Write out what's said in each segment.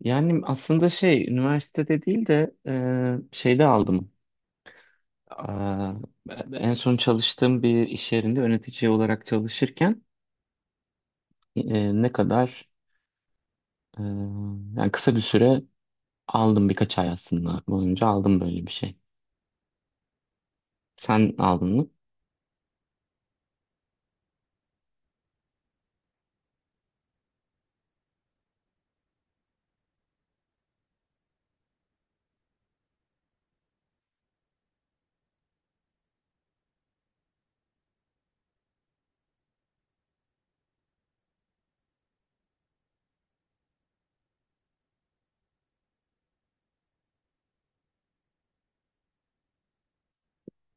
Yani aslında şey üniversitede değil de şeyde aldım. Aa, en son çalıştığım bir iş yerinde yönetici olarak çalışırken e, ne kadar e, yani kısa bir süre aldım, birkaç ay aslında boyunca aldım böyle bir şey. Sen aldın mı?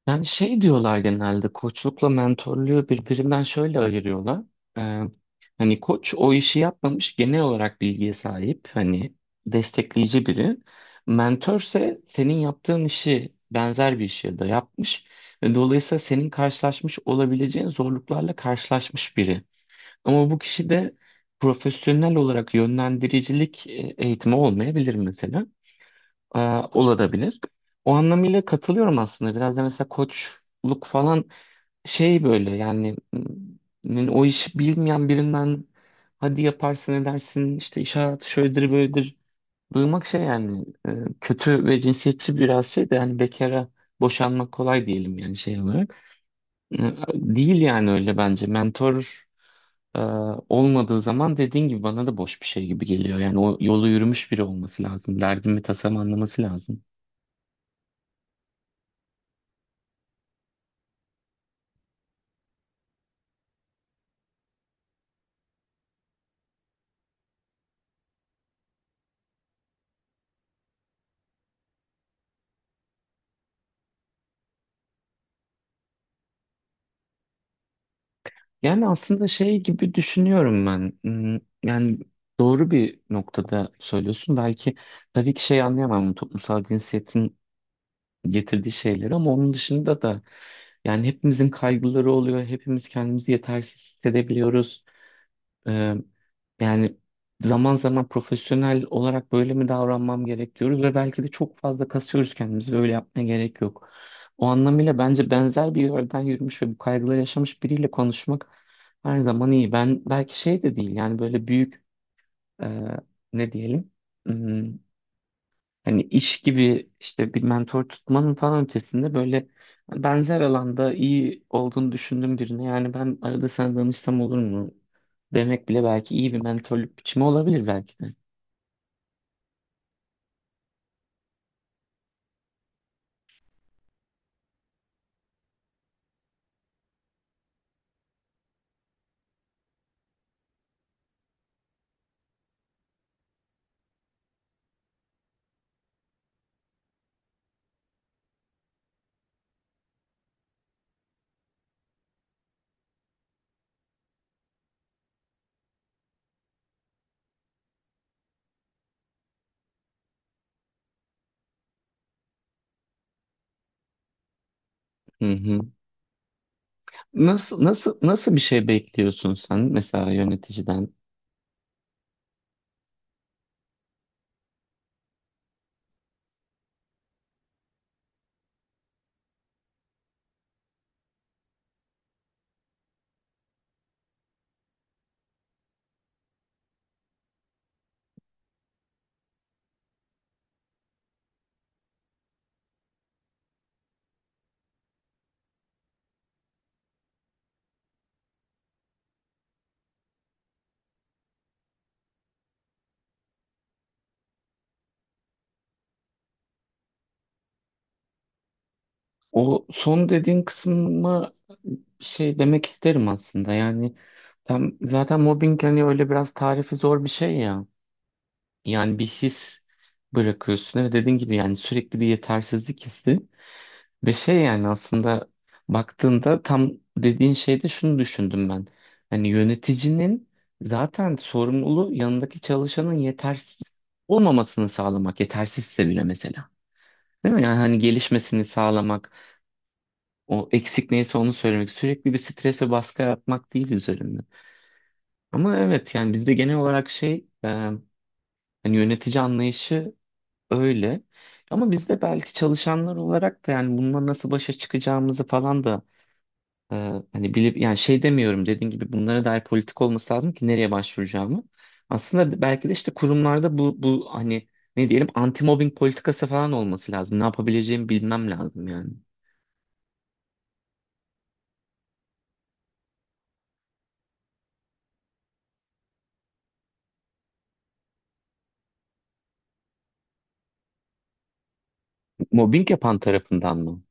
Yani şey diyorlar, genelde koçlukla mentörlüğü birbirinden şöyle ayırıyorlar. Ee, hani koç o işi yapmamış, genel olarak bilgiye sahip, hani destekleyici biri. Mentörse senin yaptığın işi, benzer bir işi de yapmış ve dolayısıyla senin karşılaşmış olabileceğin zorluklarla karşılaşmış biri. Ama bu kişi de profesyonel olarak yönlendiricilik eğitimi olmayabilir mesela, e, olabilir. O anlamıyla katılıyorum aslında. Biraz da mesela koçluk falan şey böyle yani, o işi bilmeyen birinden hadi yaparsın edersin, işte iş hayatı şöyledir böyledir duymak şey yani, kötü ve cinsiyetçi biraz, şey de yani bekara boşanmak kolay diyelim yani, şey olarak. E, Değil yani öyle bence. Mentor e, olmadığı zaman dediğin gibi bana da boş bir şey gibi geliyor. Yani o yolu yürümüş biri olması lazım. Derdimi tasam anlaması lazım. Yani aslında şey gibi düşünüyorum ben. Hmm. Yani doğru bir noktada söylüyorsun. Belki tabii ki şey anlayamam, toplumsal cinsiyetin getirdiği şeyleri, ama onun dışında da yani hepimizin kaygıları oluyor. Hepimiz kendimizi yetersiz hissedebiliyoruz. Ee, yani zaman zaman profesyonel olarak böyle mi davranmam gerek diyoruz ve belki de çok fazla kasıyoruz kendimizi ve öyle yapmaya gerek yok. O anlamıyla bence benzer bir yerden yürümüş ve bu kaygıları yaşamış biriyle konuşmak her zaman iyi. Ben belki şey de değil yani, böyle büyük e, ne diyelim, hani iş gibi, işte bir mentor tutmanın falan ötesinde böyle benzer alanda iyi olduğunu düşündüğüm birine yani ben arada sana danışsam olur mu demek bile belki iyi bir mentorluk biçimi olabilir belki de. Hı hı. Nasıl bir şey bekliyorsun sen mesela yöneticiden? O son dediğin kısma bir şey demek isterim aslında. Yani tam zaten mobbing hani öyle biraz tarifi zor bir şey ya. Yani bir his bırakıyorsun ve dediğin gibi yani sürekli bir yetersizlik hissi ve şey yani aslında baktığında tam dediğin şeyde şunu düşündüm ben. Hani yöneticinin zaten sorumluluğu yanındaki çalışanın yetersiz olmamasını sağlamak. Yetersizse bile mesela. Değil mi? Yani hani gelişmesini sağlamak, o eksik neyse onu söylemek, sürekli bir strese baskı yapmak değil üzerinde. Ama evet yani bizde genel olarak şey, hani yönetici anlayışı öyle. Ama biz de belki çalışanlar olarak da yani bununla nasıl başa çıkacağımızı falan da, e, hani bilip yani şey demiyorum, dediğin gibi bunlara dair politik olması lazım ki nereye başvuracağımı. Aslında belki de işte kurumlarda bu hani ne diyelim anti mobbing politikası falan olması lazım. Ne yapabileceğimi bilmem lazım yani. Mobbing yapan tarafından mı?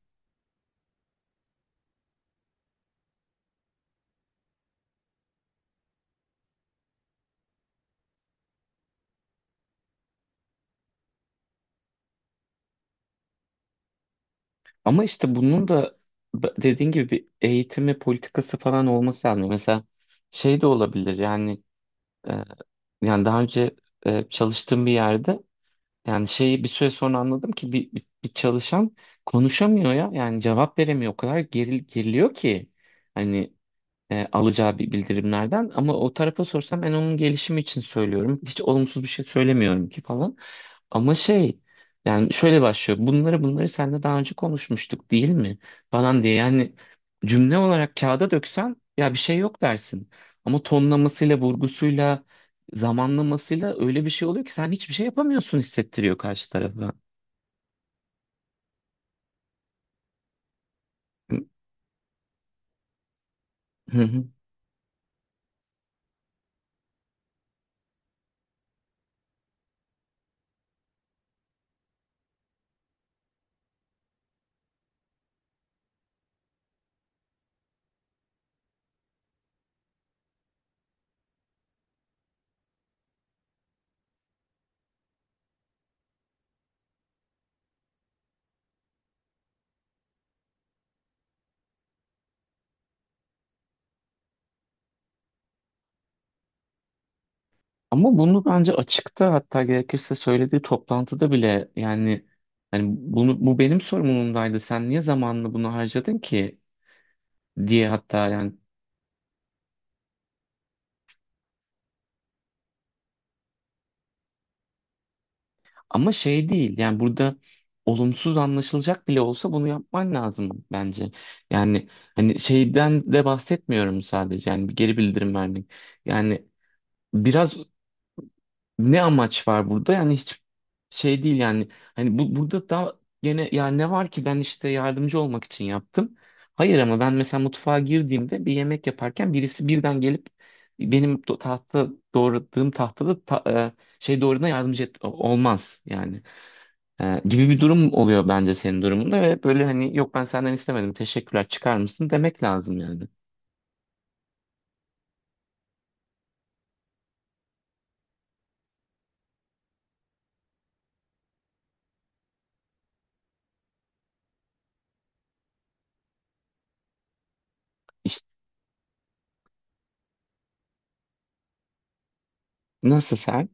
Ama işte bunun da dediğin gibi bir eğitimi politikası falan olması lazım. Mesela şey de olabilir yani, e, yani daha önce çalıştığım bir yerde, yani şeyi bir süre sonra anladım ki bir çalışan konuşamıyor ya. Yani cevap veremiyor. O kadar geriliyor ki hani alacağı bir bildirimlerden. Ama o tarafa sorsam ben onun gelişimi için söylüyorum. Hiç olumsuz bir şey söylemiyorum ki falan. Ama şey yani şöyle başlıyor. Bunları seninle daha önce konuşmuştuk değil mi? Falan diye yani, cümle olarak kağıda döksen ya bir şey yok dersin. Ama tonlamasıyla, vurgusuyla, zamanlamasıyla öyle bir şey oluyor ki sen hiçbir şey yapamıyorsun, hissettiriyor karşı tarafa. Hı hı. Hı. Ama bunu bence açıkta, hatta gerekirse söylediği toplantıda bile yani, hani bunu, bu benim sorumluluğumdaydı. Sen niye zamanını bunu harcadın ki diye hatta yani. Ama şey değil yani, burada olumsuz anlaşılacak bile olsa bunu yapman lazım bence. Yani hani şeyden de bahsetmiyorum, sadece yani bir geri bildirim vermek. Yani biraz ne amaç var burada yani, hiç şey değil yani, hani bu burada da gene ya ne var ki ben işte yardımcı olmak için yaptım. Hayır ama ben mesela mutfağa girdiğimde bir yemek yaparken birisi birden gelip benim tahta doğradığım tahtada şey doğradığına yardımcı olmaz yani. Gibi bir durum oluyor bence senin durumunda ve böyle hani yok, ben senden istemedim, teşekkürler, çıkar mısın demek lazım yani. İşte nasıl sen?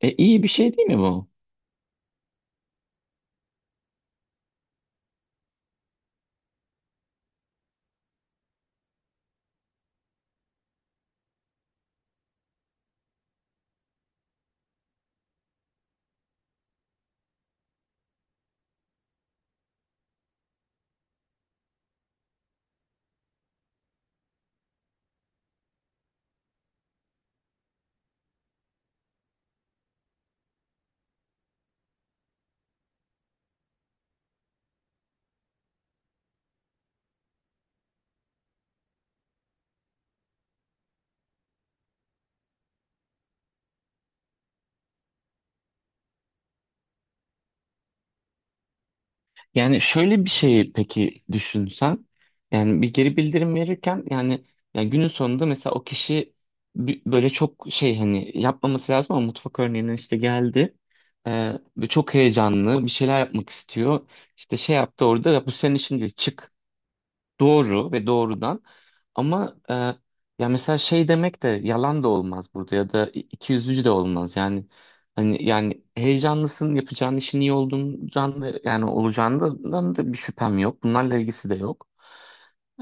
İyi bir şey değil mi bu? Yani şöyle bir şey peki düşünsen, yani bir geri bildirim verirken yani, yani günün sonunda mesela o kişi böyle çok şey hani yapmaması lazım ama mutfak örneğinden işte geldi. Ve çok heyecanlı bir şeyler yapmak istiyor. İşte şey yaptı orada, ya bu senin işin değil çık. Doğru ve doğrudan ama ya mesela şey demek de yalan da olmaz burada, ya da ikiyüzlücü de olmaz yani, hani yani heyecanlısın, yapacağın işin iyi olduğundan da, yani olacağından da bir şüphem yok, bunlarla ilgisi de yok.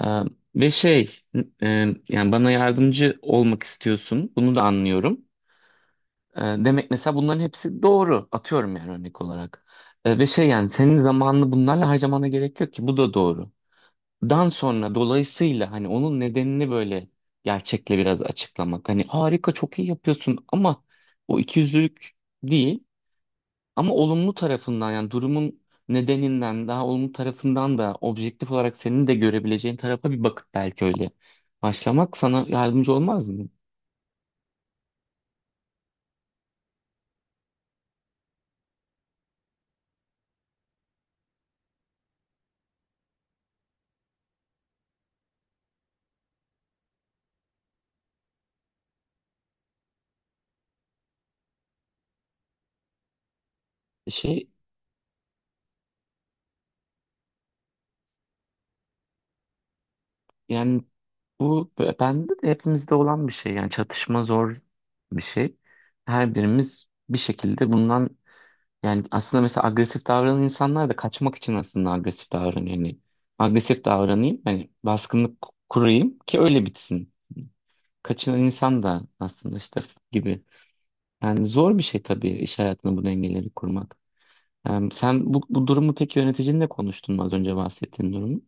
E, ve şey yani bana yardımcı olmak istiyorsun, bunu da anlıyorum. Demek mesela, bunların hepsi doğru, atıyorum yani örnek olarak. Ve şey yani senin zamanını bunlarla harcamana gerek yok ki, bu da doğru. Dan sonra dolayısıyla hani onun nedenini böyle gerçekle biraz açıklamak. Hani harika, çok iyi yapıyorsun ama, o ikiyüzlülük değil ama olumlu tarafından yani durumun nedeninden, daha olumlu tarafından da objektif olarak senin de görebileceğin tarafa bir bakıp belki öyle başlamak sana yardımcı olmaz mı? Şey yani bu bende de, hepimizde olan bir şey yani, çatışma zor bir şey. Her birimiz bir şekilde bundan... Yani aslında mesela agresif davranan insanlar da kaçmak için aslında agresif davranıyor. Yani agresif davranayım, hani baskınlık kurayım ki öyle bitsin. Kaçınan insan da aslında işte gibi. Yani zor bir şey tabii iş hayatında bu dengeleri kurmak. Yani sen bu durumu peki yöneticinle konuştun mu, az önce bahsettiğin durumu?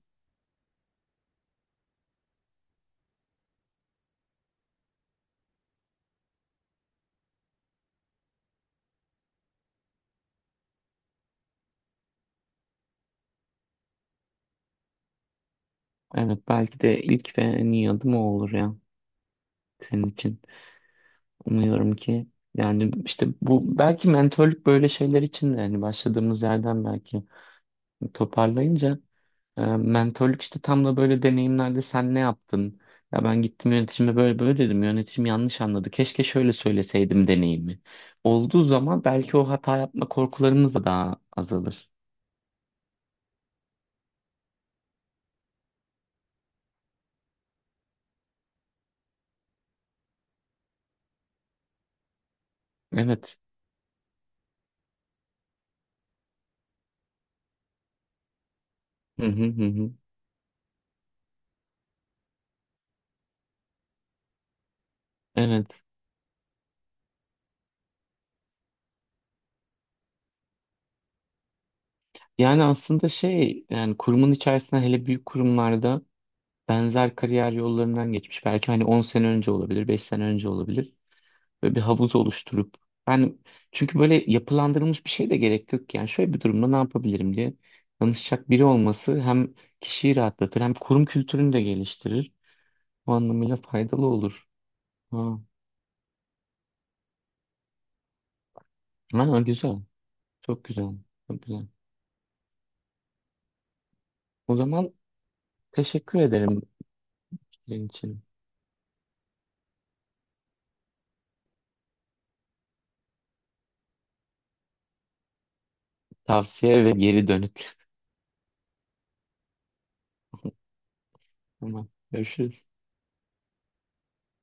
Evet, belki de ilk ve en iyi adım o olur ya, senin için. Umuyorum ki yani işte bu belki mentörlük böyle şeyler için de, hani başladığımız yerden belki toparlayınca, mentörlük işte tam da böyle deneyimlerde, sen ne yaptın? Ya ben gittim yöneticime böyle böyle dedim. Yöneticim yanlış anladı. Keşke şöyle söyleseydim deneyimi. Olduğu zaman belki o hata yapma korkularımız da daha azalır. Evet. Hı hı hı hı. Evet. Yani aslında şey yani kurumun içerisinde, hele büyük kurumlarda benzer kariyer yollarından geçmiş. Belki hani 10 sene önce olabilir, 5 sene önce olabilir. Böyle bir havuz oluşturup yani, çünkü böyle yapılandırılmış bir şey de gerek yok yani, şöyle bir durumda ne yapabilirim diye danışacak biri olması hem kişiyi rahatlatır hem kurum kültürünü de geliştirir. Bu anlamıyla faydalı olur. Ha, ha, güzel. Çok güzel. Çok güzel. O zaman teşekkür ederim fikrin için. Tavsiye ve geri dönüt. Tamam. Görüşürüz.